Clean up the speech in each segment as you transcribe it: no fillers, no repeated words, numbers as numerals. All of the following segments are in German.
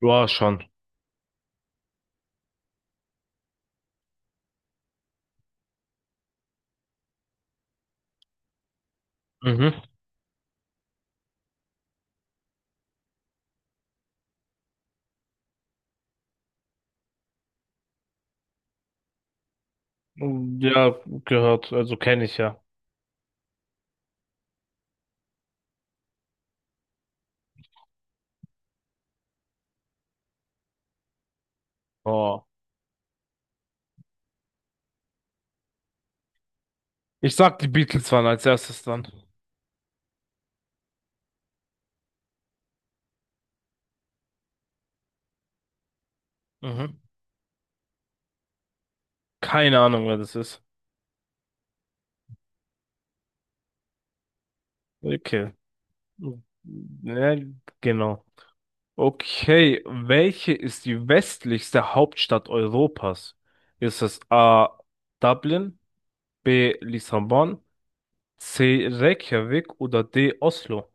Ja, schon. Mhm. Ja, gehört. Also kenne ich ja. Oh. Ich sag, die Beatles waren als erstes dran. Mhm. Keine Ahnung, wer das ist. Okay. Ja, genau. Okay, welche ist die westlichste Hauptstadt Europas? Ist es A. Dublin, B. Lissabon, C. Reykjavik oder D. Oslo?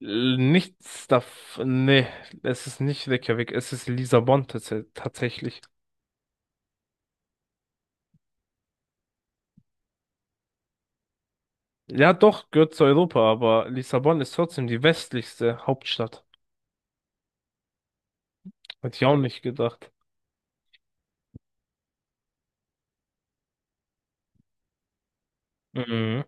Nichts davon. Nee, es ist nicht Reykjavik, es ist Lissabon tatsächlich. Ja, doch, gehört zu Europa, aber Lissabon ist trotzdem die westlichste Hauptstadt. Hätte ich auch nicht gedacht. Mhm.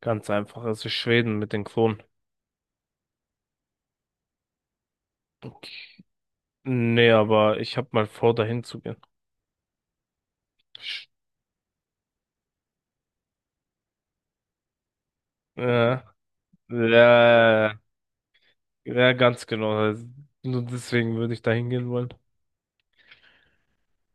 Ganz einfach, es ist Schweden mit den Kronen. Okay. Nee, aber ich habe mal vor, dahin zu gehen. Sch- Äh, ja, ja, ja, ganz genau. Also, nur deswegen würde ich dahin gehen wollen.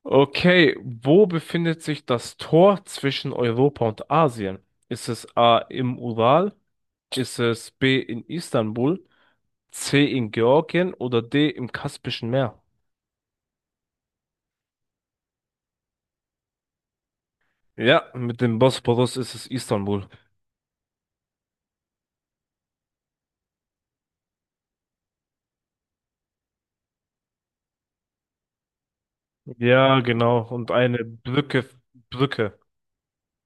Okay, wo befindet sich das Tor zwischen Europa und Asien? Ist es A im Ural? Ist es B in Istanbul? C in Georgien oder D im Kaspischen Meer? Ja, mit dem Bosporus ist es Istanbul. Ja, genau. Und eine Brücke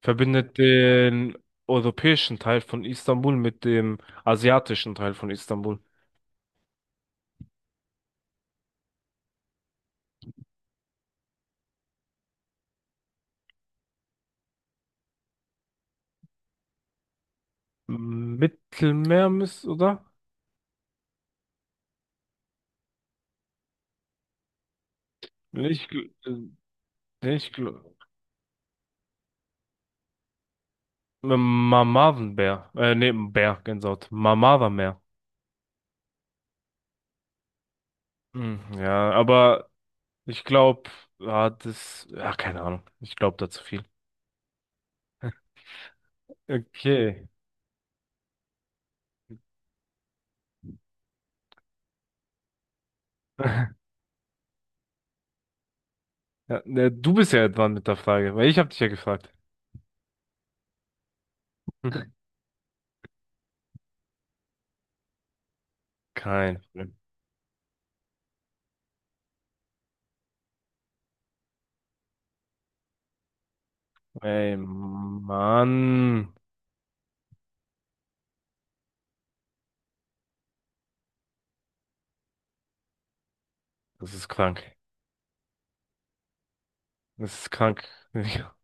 verbindet den europäischen Teil von Istanbul mit dem asiatischen Teil von Istanbul. Mittelmeer müsste, oder? Ich, gl- äh, ich, gl- Mamavenbär. Nee, Bär, Gänsehaut. Mamavenbär. Hm, ja, aber ich glaube, ja, das, ja, keine Ahnung. Ich glaube da zu viel. Okay. Ja, ne, du bist ja dran mit der Frage, weil ich habe dich ja gefragt. Kein Problem. Ey, Mann, das ist krank. Das ist krank.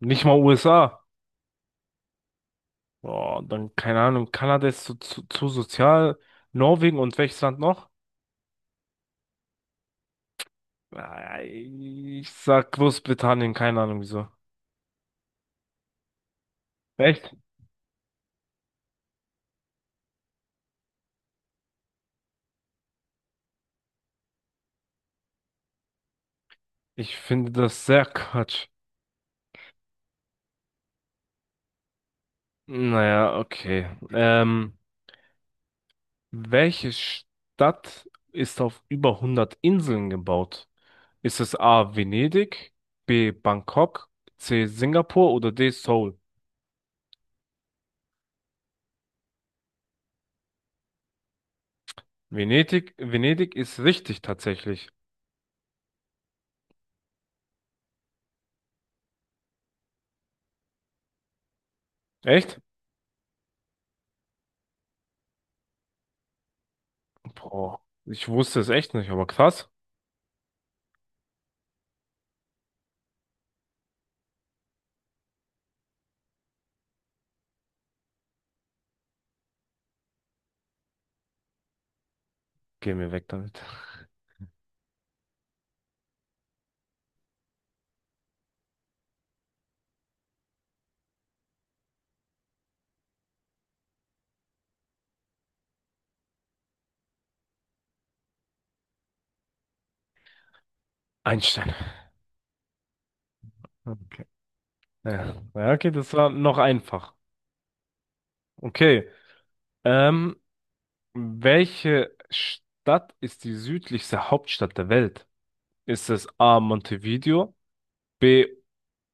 Nicht mal USA. Oh, dann keine Ahnung. Kanada ist zu sozial. Norwegen und welches Land noch? Äh, Ich sag Großbritannien, keine Ahnung wieso. Echt? Ich finde das sehr Quatsch. Naja, okay. Welche Stadt ist auf über hundert Inseln gebaut? Ist es A. Venedig, B. Bangkok, C. Singapur oder D. Seoul? Venedig, Venedig ist richtig tatsächlich. Echt? Boah, ich wusste es echt nicht, aber krass. Geh mir weg damit. Einstein. Okay. Ja, ja, okay, das war noch einfach. Okay. Ähm, welche Stadt ist die südlichste Hauptstadt der Welt? Ist es A. Montevideo, B.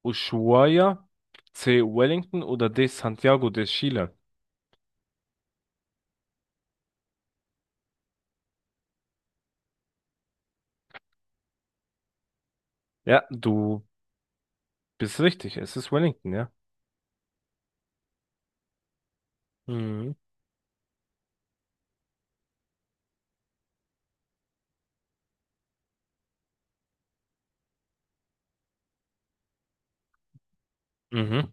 Ushuaia, C. Wellington oder D. Santiago de Chile? Ja, du bist richtig. Es ist Wellington, ja. Mhm. Mhm.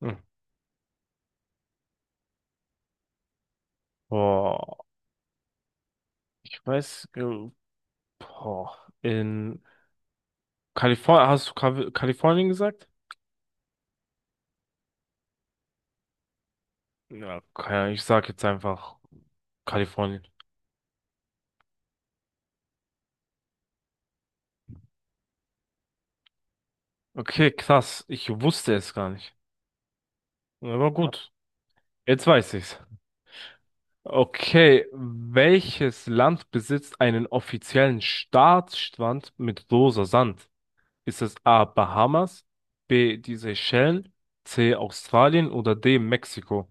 Mhm. Boah, ich weiß, boah, in Kalifornien, hast du Kalifornien gesagt? Ja, okay, ich sag jetzt einfach Kalifornien. Okay, krass. Ich wusste es gar nicht. Aber gut, jetzt weiß ich's. Okay, welches Land besitzt einen offiziellen Staatsstrand mit rosa Sand? Ist es A. Bahamas, B. die Seychellen, C. Australien oder D. Mexiko?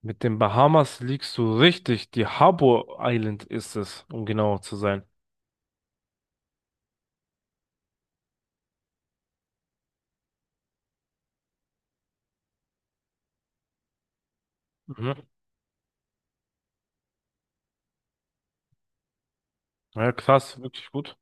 Mit den Bahamas liegst du richtig. Die Harbour Island ist es, um genauer zu sein. Mhm. Ja, krass, wirklich gut.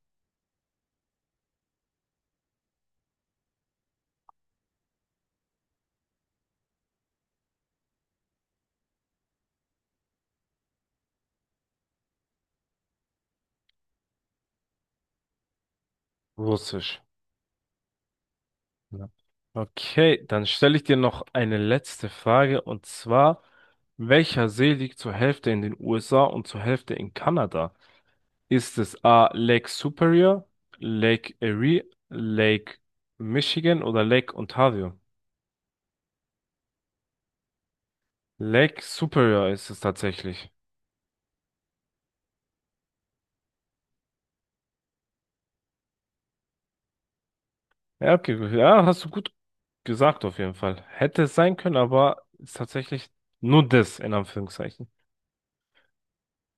Russisch. Ja. Okay, dann stelle ich dir noch eine letzte Frage und zwar, welcher See liegt zur Hälfte in den USA und zur Hälfte in Kanada? Ist es A. Lake Superior, Lake Erie, Lake Michigan oder Lake Ontario? Lake Superior ist es tatsächlich. Ja, okay, gut, ja, hast du gut gesagt auf jeden Fall. Hätte es sein können, aber ist tatsächlich nur das in Anführungszeichen.